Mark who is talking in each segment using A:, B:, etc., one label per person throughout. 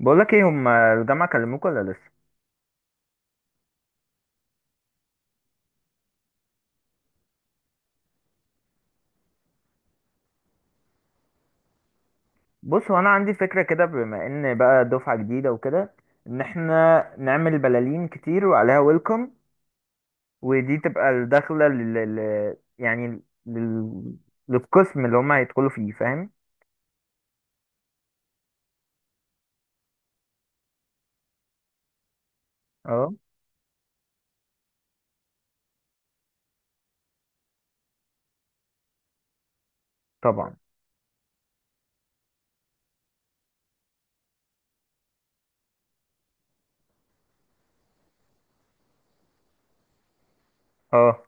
A: بقول لك ايه، هم الجامعه كلموك ولا لسه؟ بص، هو انا عندي فكره كده بما ان بقى دفعه جديده وكده، ان احنا نعمل بلالين كتير وعليها ويلكم، ودي تبقى الدخله يعني للقسم اللي هم هيدخلوا فيه، فاهم؟ اه، طبعا، اه.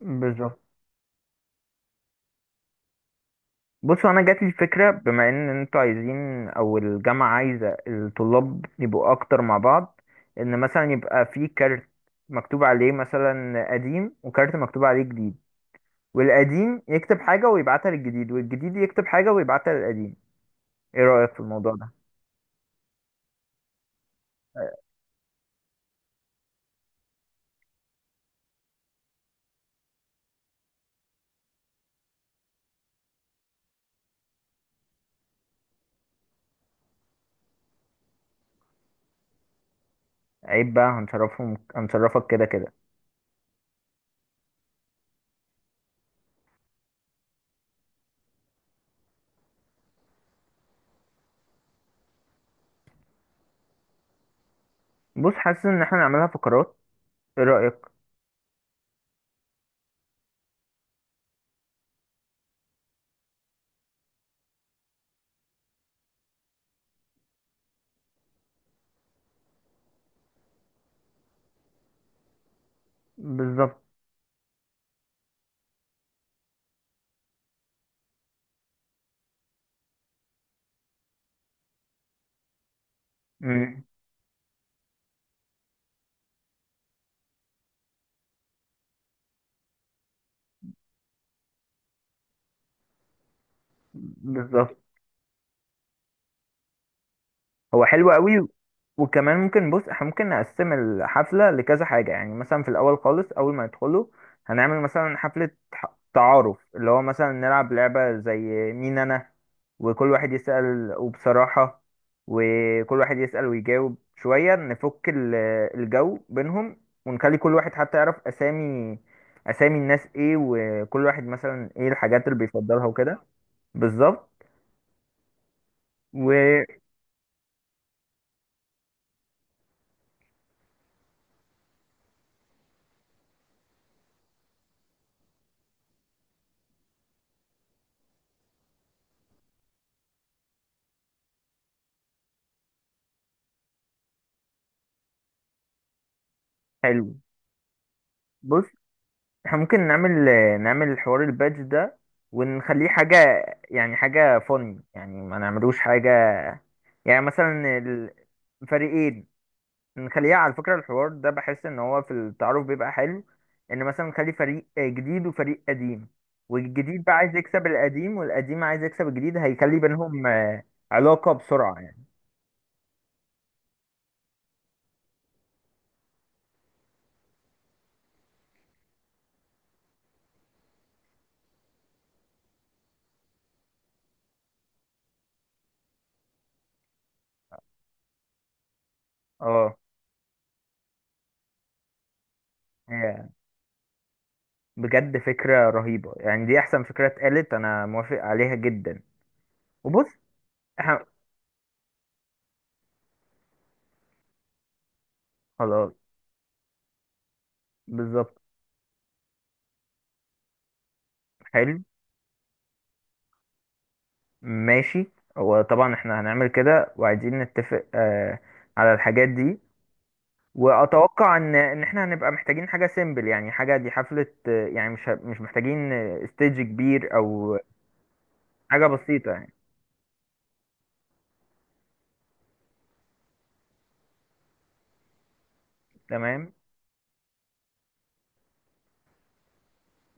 A: بالظبط. بص، انا جات لي فكره، بما ان انتوا عايزين، او الجامعه عايزه الطلاب يبقوا اكتر مع بعض، ان مثلا يبقى في كارت مكتوب عليه مثلا قديم، وكارت مكتوب عليه جديد، والقديم يكتب حاجة ويبعتها للجديد، والجديد يكتب حاجة ويبعتها للقديم. ايه رأيك في الموضوع ده؟ عيب بقى، هنشرفهم هنشرفك كده كده. بص، حاسس ان احنا نعملها فقرات. ايه رأيك؟ بالظبط. مم. بالظبط. هو حلو قوي. وكمان ممكن، بص، احنا ممكن نقسم الحفلة لكذا حاجة. يعني مثلا في الأول خالص، أول ما يدخلوا هنعمل مثلا حفلة تعارف، اللي هو مثلا نلعب لعبة زي مين أنا، وكل واحد يسأل وبصراحة، وكل واحد يسأل ويجاوب، شوية نفك الجو بينهم، ونخلي كل واحد حتى يعرف أسامي الناس إيه، وكل واحد مثلا إيه الحاجات اللي بيفضلها وكده. بالظبط. وحلو. بص، احنا ممكن نعمل حوار البادج ده، ونخليه حاجة، يعني حاجة فن، يعني ما نعملوش حاجة، يعني مثلا الفريقين، نخليها على فكرة. الحوار ده بحس ان هو في التعارف بيبقى حلو، ان مثلا نخلي فريق جديد وفريق قديم، والجديد بقى عايز يكسب القديم، والقديم عايز يكسب الجديد، هيخلي بينهم علاقة بسرعة يعني. اه. هي بجد فكرة رهيبة، يعني دي احسن فكرة اتقالت، انا موافق عليها جدا. وبص، احنا. خلاص. بالظبط. حلو. ماشي. هو طبعا احنا هنعمل كده، وعايزين نتفق على الحاجات دي. واتوقع ان احنا هنبقى محتاجين حاجه سيمبل، يعني حاجه، دي حفله، يعني مش محتاجين ستيج كبير او حاجه بسيطه يعني. تمام.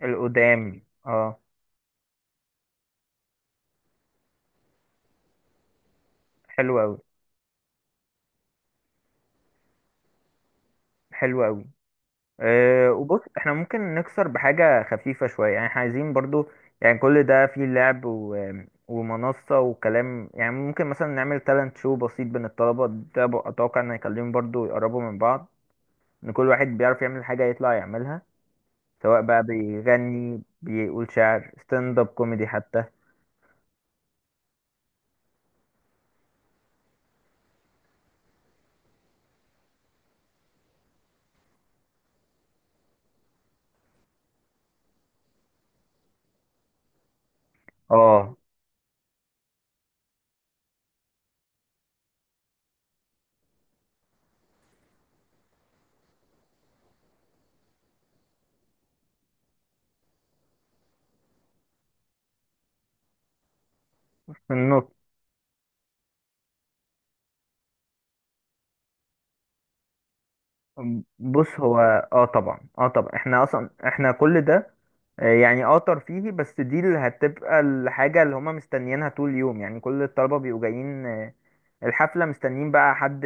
A: القدام، اه. حلو قوي، حلو قوي. وبص، احنا ممكن نكسر بحاجة خفيفة شوية. يعني احنا عايزين برضو، يعني كل ده فيه لعب و... ومنصة وكلام، يعني ممكن مثلا نعمل تالنت شو بسيط بين الطلبة ده، أتوقع إن هيخليهم برضو يقربوا من بعض، إن كل واحد بيعرف يعمل حاجة يطلع يعملها، سواء بقى بيغني، بيقول شعر، ستاند اب كوميدي حتى. اه، في النص. بص، هو طبعا احنا اصلا احنا كل ده يعني ترفيهي، بس دي اللي هتبقى الحاجة اللي هما مستنيينها طول اليوم. يعني كل الطلبة بيبقوا جايين الحفلة، مستنيين بقى حد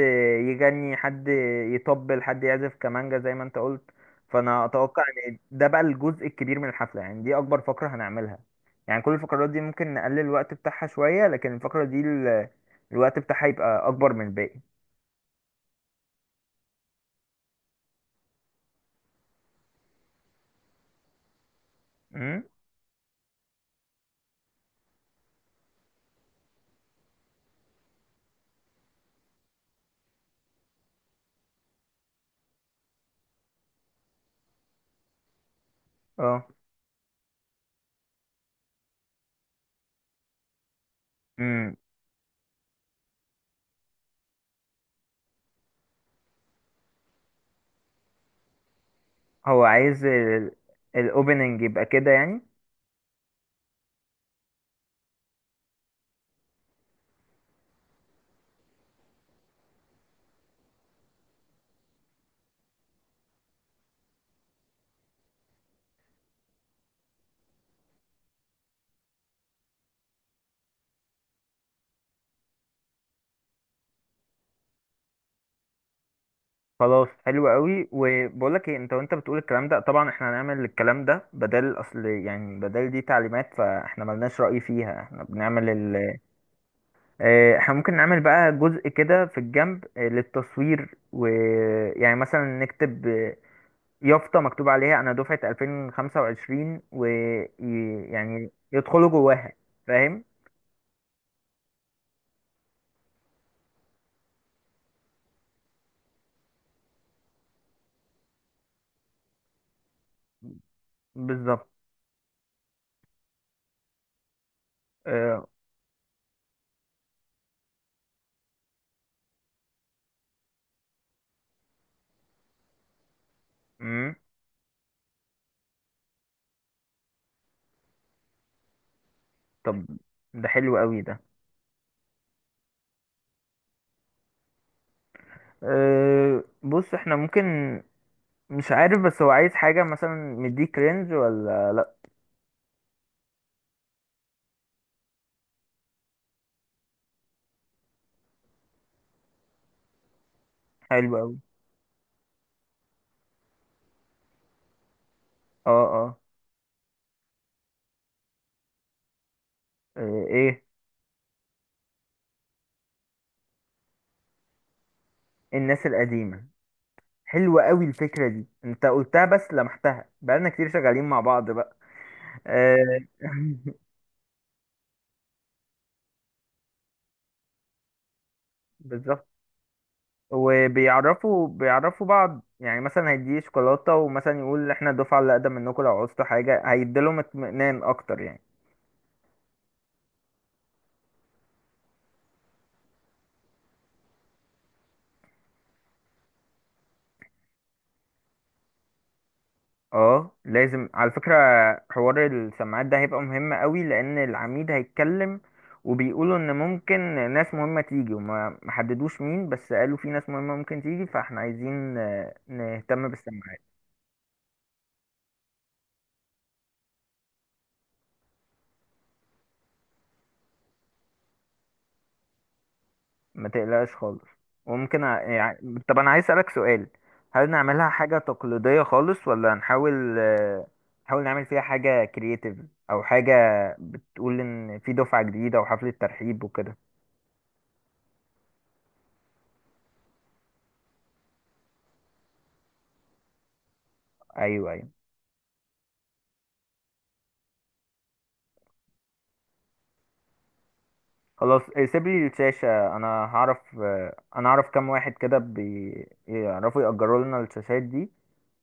A: يغني، حد يطبل، حد يعزف كمانجا زي ما انت قلت. فانا اتوقع. ان ده بقى الجزء الكبير من الحفلة، يعني دي اكبر فقرة هنعملها. يعني كل الفقرات دي ممكن نقلل الوقت بتاعها شوية، لكن الفقرة دي الوقت بتاعها يبقى اكبر من الباقي. امم. اه. امم. هو عايز الاوبننج يبقى كده يعني. خلاص، حلو قوي. وبقولك ايه، انت وانت بتقول الكلام ده، طبعا احنا هنعمل الكلام ده بدل، اصل يعني، بدل دي تعليمات فاحنا ملناش رأي فيها، احنا بنعمل اه، احنا ممكن نعمل بقى جزء كده في الجنب، للتصوير، ويعني مثلا نكتب، يافطة مكتوب عليها انا دفعة 2025، ويعني يدخلوا جواها. فاهم. بالظبط. اه،. مم. طب، ده حلو قوي ده. بص، احنا ممكن، مش عارف، بس هو عايز حاجة مثلا مديك رينج ولا لأ؟ حلو أوي. اه، اه. ايه؟ الناس القديمة. حلوة أوي الفكرة دي انت قلتها، بس لمحتها بقالنا كتير شغالين مع بعض بقى. آه. بالظبط. وبيعرفوا بعض، يعني مثلا هيديه شوكولاتة، ومثلا يقول احنا الدفعة اللي أقدم منكم لو عوزتوا حاجة، هيديلهم اطمئنان أكتر يعني. اه، لازم على فكرة. حوار السماعات ده هيبقى مهم قوي، لان العميد هيتكلم، وبيقولوا ان ممكن ناس مهمة تيجي، وما ما حددوش مين، بس قالوا في ناس مهمة ممكن تيجي، فاحنا عايزين نهتم بالسماعات. ما تقلقش خالص. وممكن، يعني طب انا عايز اسألك سؤال، هل نعملها حاجة تقليدية خالص، ولا نحاول نعمل فيها حاجة كرياتيف، او حاجة بتقول ان في دفعة جديدة وحفلة ترحيب وكده؟ ايوه، ايوه. خلاص، إيه، سيب لي الشاشة، انا هعرف آه، انا اعرف كام واحد كده بيعرفوا يأجروا لنا الشاشات دي.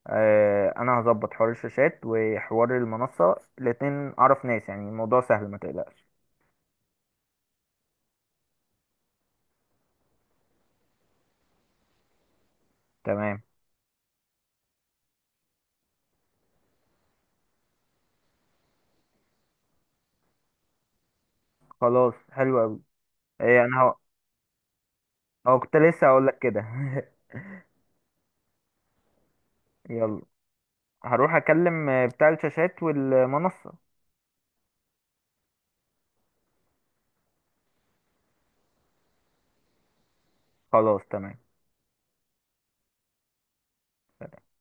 A: انا هظبط حوار الشاشات وحوار المنصة الاتنين، اعرف ناس، يعني الموضوع سهل، ما تقلقش. تمام. خلاص، حلو قوي. انا هو هو كنت لسه هقول لك كده. يلا، هروح اكلم بتاع الشاشات والمنصة. خلاص، تمام.